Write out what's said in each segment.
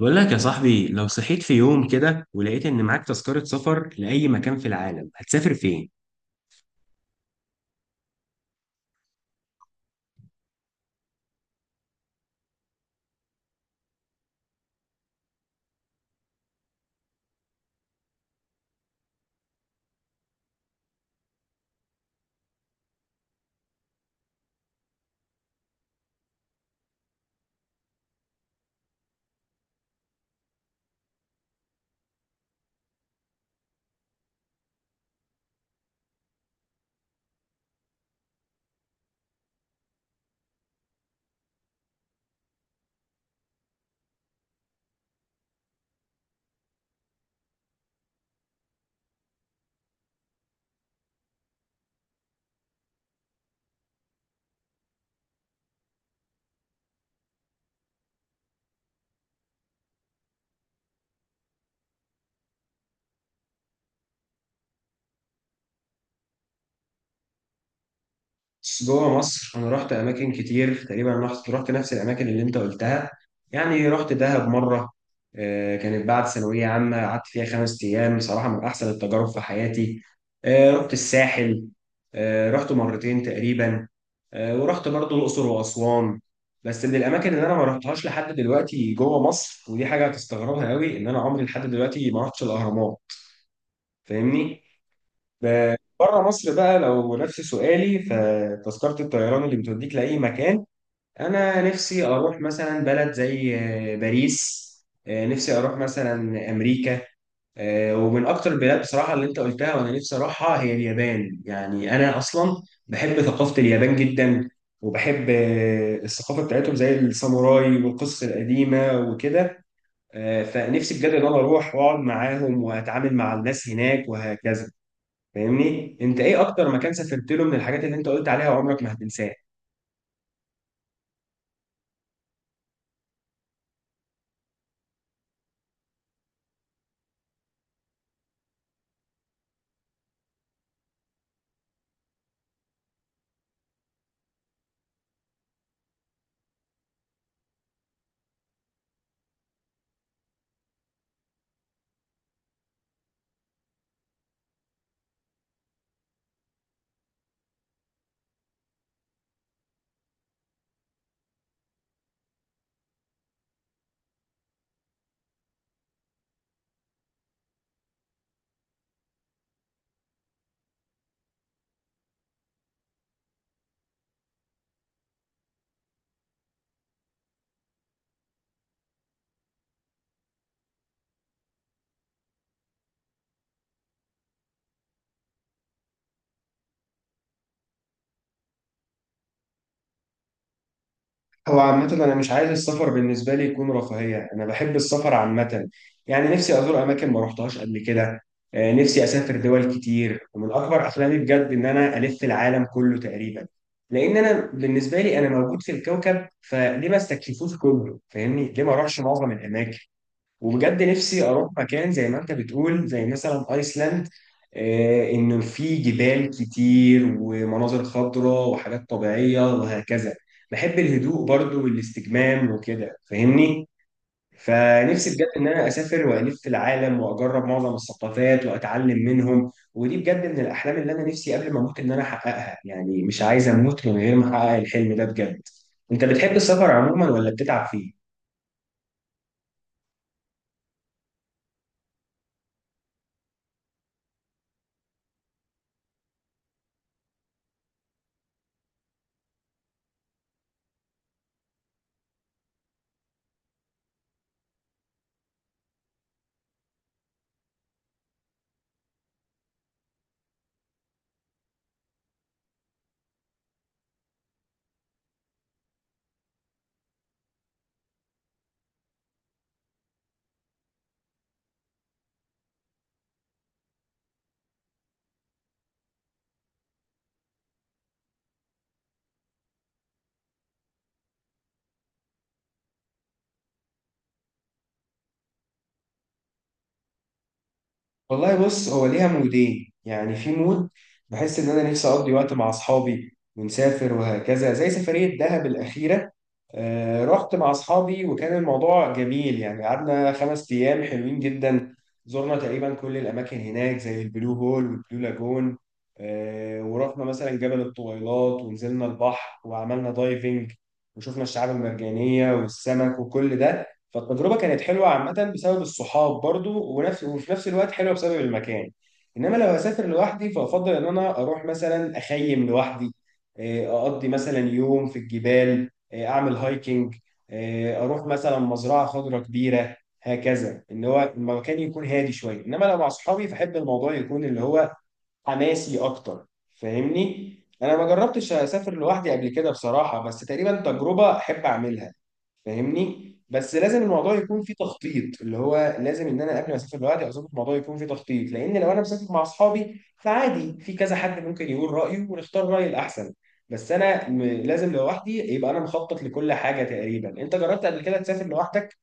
بقول لك يا صاحبي، لو صحيت في يوم كده ولقيت إن معاك تذكرة سفر لأي مكان في العالم، هتسافر فين؟ بس جوه مصر انا رحت اماكن كتير، تقريبا رحت نفس الاماكن اللي انت قلتها. يعني رحت دهب مره. كانت بعد ثانويه عامه، قعدت فيها 5 ايام. صراحه من احسن التجارب في حياتي. رحت الساحل. رحت مرتين تقريبا. ورحت برضو الاقصر واسوان. بس من الاماكن اللي انا ما رحتهاش لحد دلوقتي جوه مصر، ودي حاجه هتستغربها قوي، ان انا عمري لحد دلوقتي ما رحتش الاهرامات. فاهمني؟ بره مصر بقى، لو نفس سؤالي، فتذكرة الطيران اللي بتوديك لأي مكان، أنا نفسي أروح مثلا بلد زي باريس. نفسي أروح مثلا أمريكا. ومن أكتر البلاد بصراحة اللي أنت قلتها وأنا نفسي أروحها هي اليابان. يعني أنا أصلا بحب ثقافة اليابان جدا. وبحب الثقافة بتاعتهم زي الساموراي والقصص القديمة وكده. فنفسي بجد إن أنا أروح وأقعد معاهم وأتعامل مع الناس هناك وهكذا. فاهمني؟ انت ايه اكتر مكان سافرت له من الحاجات اللي انت قلت عليها وعمرك ما هتنساه؟ هو عامة أنا مش عايز السفر بالنسبة لي يكون رفاهية. أنا بحب السفر عامة، يعني نفسي أزور أماكن ما رحتهاش قبل كده. نفسي أسافر دول كتير، ومن أكبر أحلامي بجد إن أنا ألف العالم كله تقريبا. لأن أنا بالنسبة لي أنا موجود في الكوكب، فليه ما استكشفوش كله؟ فاهمني؟ ليه ما أروحش معظم الأماكن؟ وبجد نفسي اروح مكان زي ما انت بتقول، زي مثلا ايسلاند. انه في جبال كتير ومناظر خضراء وحاجات طبيعية وهكذا. بحب الهدوء برضو والاستجمام وكده، فاهمني؟ فنفسي بجد ان انا اسافر والف في العالم واجرب معظم الثقافات واتعلم منهم، ودي بجد من الاحلام اللي انا نفسي قبل ما اموت ان انا احققها. يعني مش عايز اموت من غير ما احقق الحلم ده بجد. انت بتحب السفر عموما ولا بتتعب فيه؟ والله بص، هو ليها مودين. يعني في مود بحس ان انا نفسي اقضي وقت مع اصحابي ونسافر وهكذا، زي سفرية دهب الأخيرة. رحت مع اصحابي وكان الموضوع جميل. يعني قعدنا 5 ايام حلوين جدا. زرنا تقريبا كل الاماكن هناك زي البلو هول والبلو لاجون. ورحنا مثلا جبل الطويلات، ونزلنا البحر وعملنا دايفنج، وشفنا الشعاب المرجانية والسمك وكل ده. فالتجربه كانت حلوه عامه بسبب الصحاب برضو ونفس، وفي نفس الوقت حلوه بسبب المكان. انما لو هسافر لوحدي فافضل ان انا اروح مثلا اخيم لوحدي. اقضي مثلا يوم في الجبال، اعمل هايكنج. اروح مثلا مزرعه خضراء كبيره. هكذا، ان هو المكان يكون هادي شويه. انما لو مع اصحابي فاحب الموضوع يكون اللي هو حماسي اكتر. فاهمني؟ انا ما جربتش اسافر لوحدي قبل كده بصراحه، بس تقريبا تجربه احب اعملها. فاهمني؟ بس لازم الموضوع يكون فيه تخطيط، اللي هو لازم ان انا قبل ما اسافر لوحدي او اسافر الموضوع يكون فيه تخطيط. لان لو انا مسافر مع اصحابي فعادي، في كذا حد ممكن يقول رايه ونختار راي الاحسن. بس انا لازم لوحدي يبقى انا مخطط لكل حاجه تقريبا. انت جربت قبل كده تسافر لوحدك؟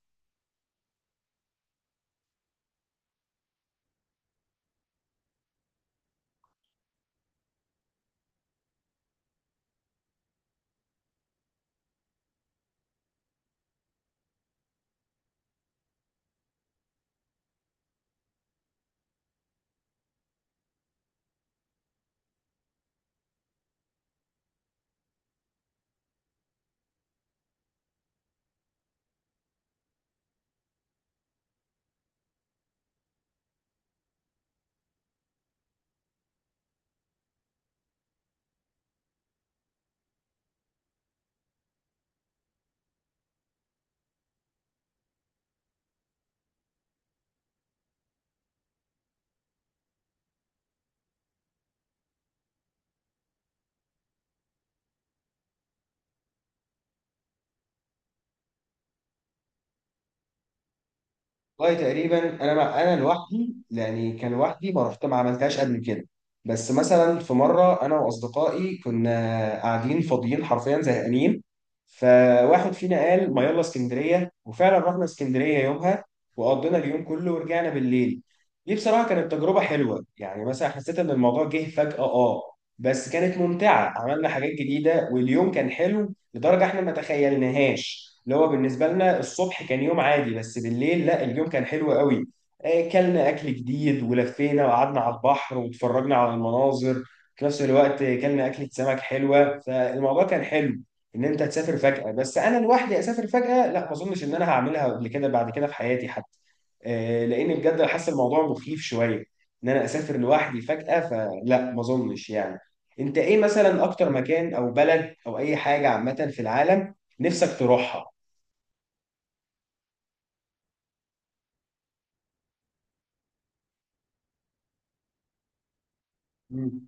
والله تقريبا، انا لوحدي، يعني كان لوحدي ما رحت ما عملتهاش قبل كده. بس مثلا في مره انا واصدقائي كنا قاعدين فاضيين حرفيا زهقانين، فواحد فينا قال ما يلا اسكندريه. وفعلا رحنا اسكندريه يومها، وقضينا اليوم كله ورجعنا بالليل. دي بصراحه كانت تجربه حلوه. يعني مثلا حسيت ان الموضوع جه فجاه. اه بس كانت ممتعه، عملنا حاجات جديده واليوم كان حلو. لدرجه احنا ما تخيلناهاش، اللي هو بالنسبه لنا الصبح كان يوم عادي، بس بالليل لا، اليوم كان حلو قوي. كلنا اكل جديد، ولفينا وقعدنا على البحر واتفرجنا على المناظر. في نفس الوقت كلنا اكله سمك حلوه، فالموضوع كان حلو. ان انت تسافر فجاه، بس انا لوحدي اسافر فجاه لا، ما اظنش ان انا هعملها قبل كده بعد كده في حياتي حتى. لان بجد حاسس الموضوع مخيف شويه، ان انا اسافر لوحدي فجاه، فلا ما اظنش يعني. انت ايه مثلا اكتر مكان او بلد او اي حاجة عامة في العالم نفسك تروحها؟ مم.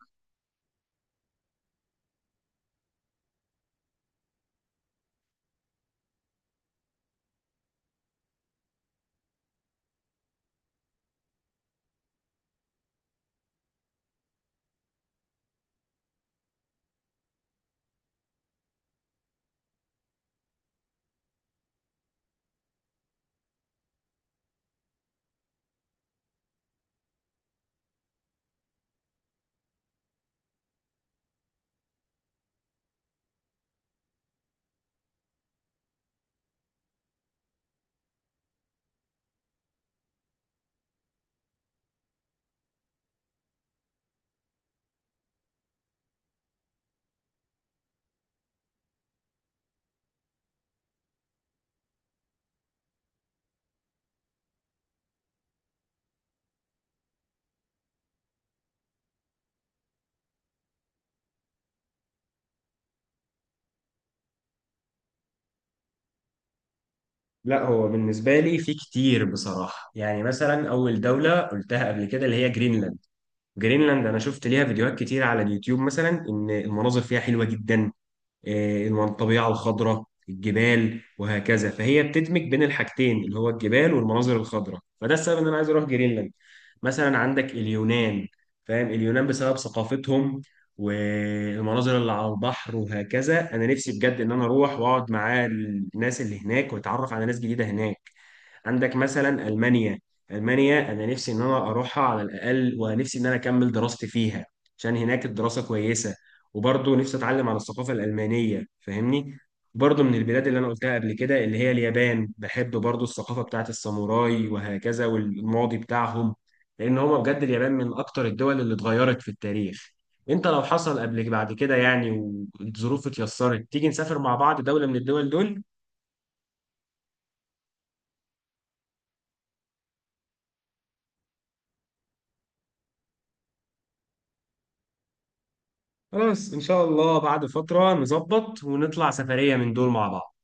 لا، هو بالنسبة لي في كتير بصراحة. يعني مثلا أول دولة قلتها قبل كده اللي هي جرينلاند. جرينلاند أنا شفت ليها فيديوهات كتير على اليوتيوب، مثلا إن المناظر فيها حلوة جدا. الطبيعة الخضراء، الجبال وهكذا. فهي بتدمج بين الحاجتين اللي هو الجبال والمناظر الخضراء، فده السبب ان انا عايز اروح جرينلاند. مثلا عندك اليونان. فاهم؟ اليونان بسبب ثقافتهم، والمناظر اللي على البحر وهكذا. انا نفسي بجد ان انا اروح واقعد مع الناس اللي هناك واتعرف على ناس جديدة هناك. عندك مثلا المانيا. المانيا انا نفسي ان انا اروحها على الاقل، ونفسي ان انا اكمل دراستي فيها، عشان هناك الدراسه كويسه. وبرضه نفسي اتعلم عن الثقافه الالمانيه، فاهمني؟ برضه من البلاد اللي انا قلتها قبل كده اللي هي اليابان، بحب برضه الثقافه بتاعت الساموراي وهكذا، والماضي بتاعهم. لان هما بجد اليابان من اكتر الدول اللي اتغيرت في التاريخ. انت لو حصل قبلك بعد كده، يعني والظروف اتيسرت، تيجي نسافر مع بعض دولة من الدول دول؟ خلاص، ان شاء الله بعد فترة نظبط ونطلع سفرية من دول مع بعض.